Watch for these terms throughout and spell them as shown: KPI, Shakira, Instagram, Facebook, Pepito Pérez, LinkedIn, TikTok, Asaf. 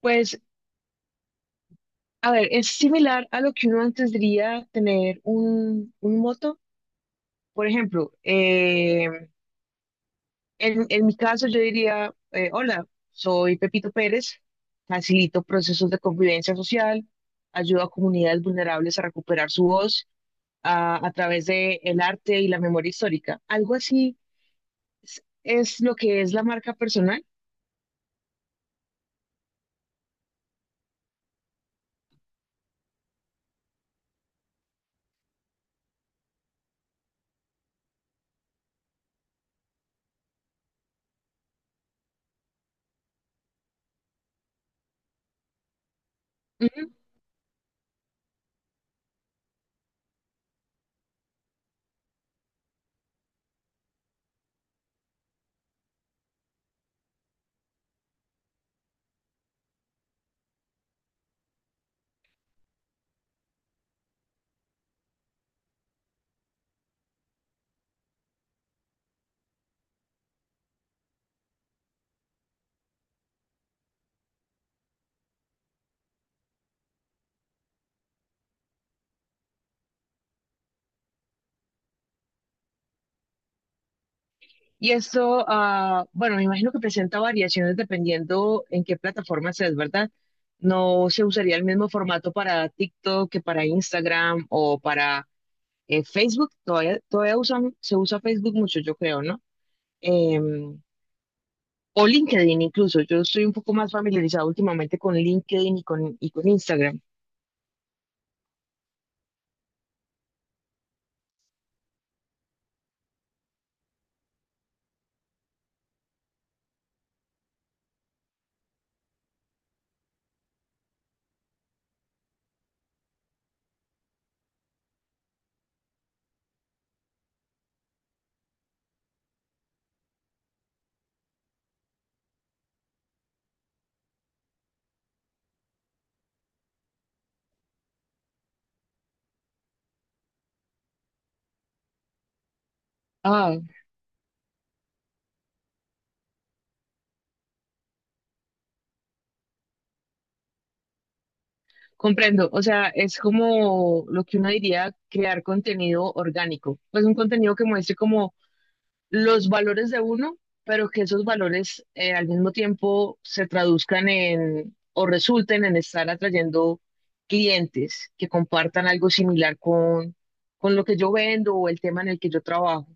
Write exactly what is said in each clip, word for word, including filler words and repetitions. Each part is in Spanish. Pues, a ver, es similar a lo que uno antes diría tener un, un moto. Por ejemplo, eh, en, en mi caso yo diría, eh, hola, soy Pepito Pérez, facilito procesos de convivencia social, ayudo a comunidades vulnerables a recuperar su voz a, a través de el arte y la memoria histórica. Algo así es, es lo que es la marca personal. Y esto, ah, bueno, me imagino que presenta variaciones dependiendo en qué plataforma es, ¿verdad? No se usaría el mismo formato para TikTok que para Instagram o para eh, Facebook. Todavía, todavía usan, se usa Facebook mucho, yo creo, ¿no? Em, o LinkedIn incluso. Yo estoy un poco más familiarizado últimamente con LinkedIn y con, y con Instagram. Ah. Comprendo, o sea, es como lo que uno diría crear contenido orgánico, pues un contenido que muestre como los valores de uno, pero que esos valores eh, al mismo tiempo se traduzcan en o resulten en estar atrayendo clientes que compartan algo similar con, con lo que yo vendo o el tema en el que yo trabajo.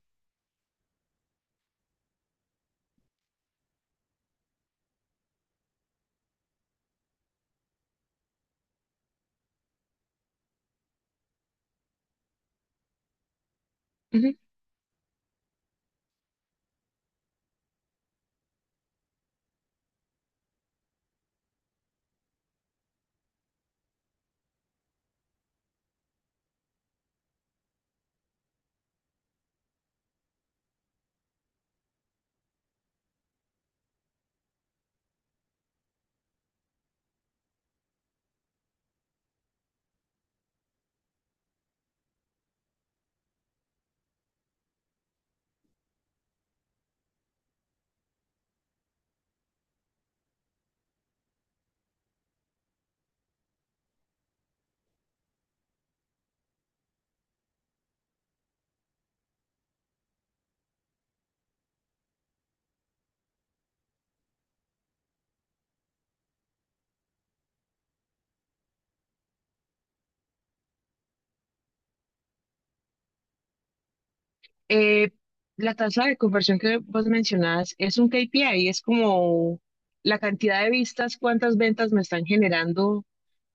Eh, la tasa de conversión que vos mencionás es un K P I, es como la cantidad de vistas, cuántas ventas me están generando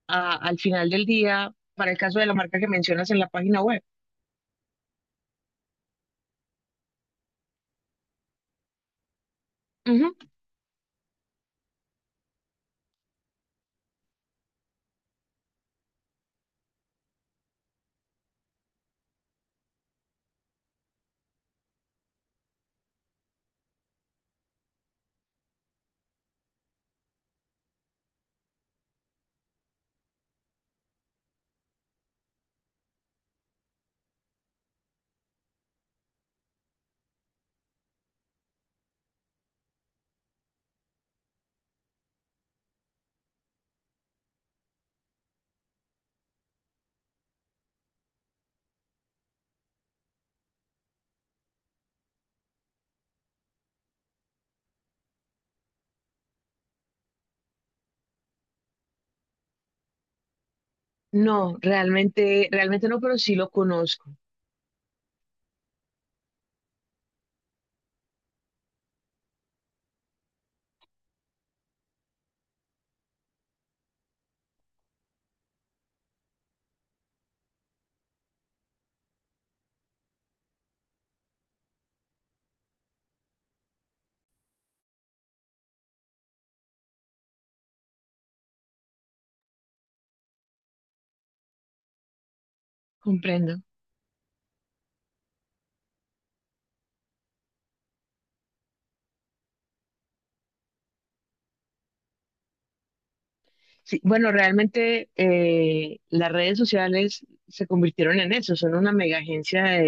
a- al final del día, para el caso de la marca que mencionas en la página web. Ujú. No, realmente, realmente no, pero sí lo conozco, comprendo. Sí, bueno, realmente eh, las redes sociales se convirtieron en eso, son una mega agencia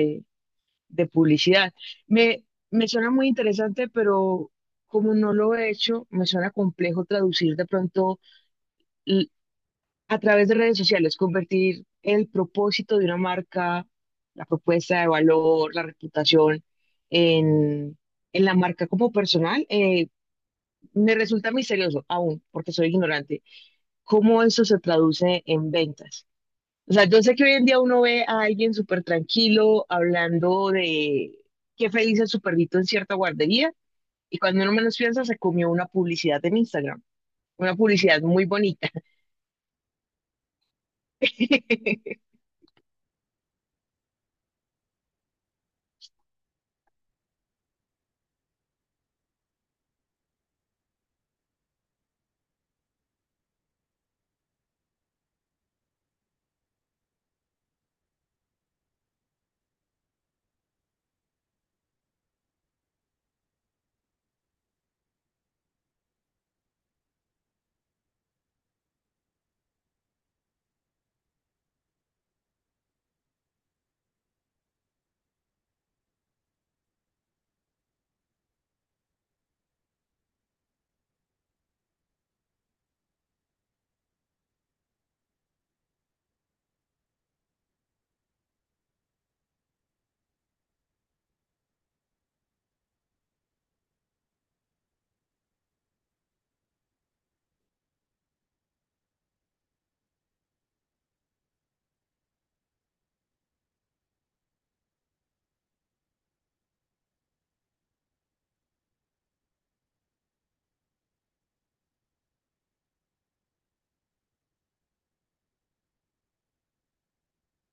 de publicidad. Me, me suena muy interesante, pero como no lo he hecho, me suena complejo traducir de pronto l- a través de redes sociales, convertir el propósito de una marca, la propuesta de valor, la reputación en, en la marca como personal. Eh, me resulta misterioso aún, porque soy ignorante. ¿Cómo eso se traduce en ventas? O sea, yo sé que hoy en día uno ve a alguien súper tranquilo hablando de qué feliz es su perrito en cierta guardería y cuando uno menos piensa se comió una publicidad en Instagram, una publicidad muy bonita.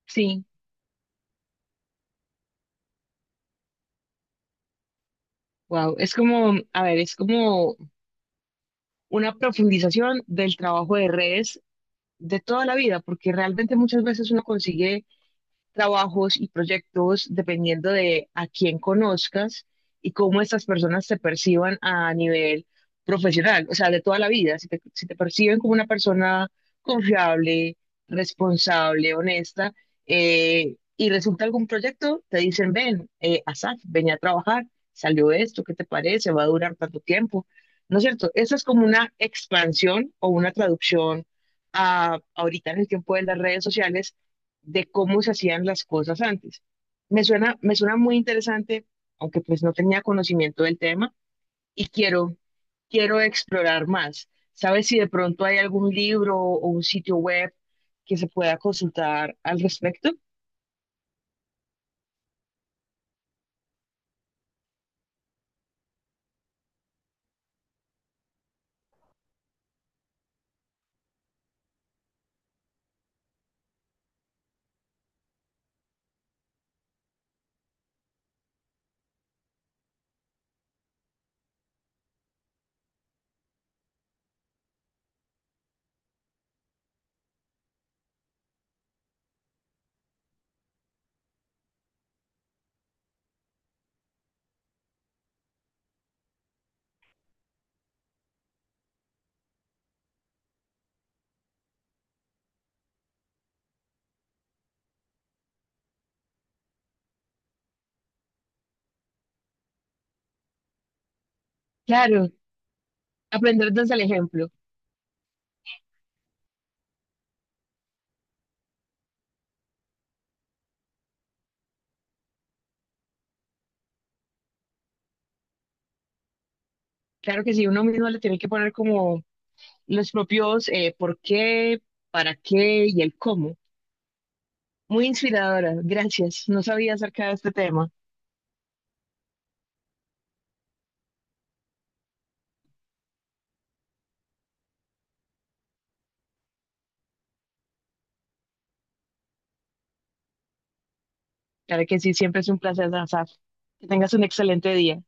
Sí, wow, es como, a ver, es como una profundización del trabajo de redes de toda la vida, porque realmente muchas veces uno consigue trabajos y proyectos dependiendo de a quién conozcas y cómo estas personas te perciban a nivel profesional, o sea, de toda la vida. Si te, si te perciben como una persona confiable, responsable, honesta, eh, y resulta algún proyecto, te dicen, ven, eh, Asaf, ven a trabajar, salió esto, ¿qué te parece? ¿Va a durar tanto tiempo? ¿No es cierto? Eso es como una expansión o una traducción a, ahorita en el tiempo de las redes sociales de cómo se hacían las cosas antes. Me suena, me suena muy interesante, aunque pues no tenía conocimiento del tema y quiero, quiero explorar más. ¿Sabes si de pronto hay algún libro o un sitio web que se pueda consultar al respecto? Claro, aprender desde el ejemplo. Claro que sí, uno mismo le tiene que poner como los propios eh, por qué, para qué y el cómo. Muy inspiradora, gracias. No sabía acerca de este tema. Claro que sí, siempre es un placer danzar. Que tengas un excelente día.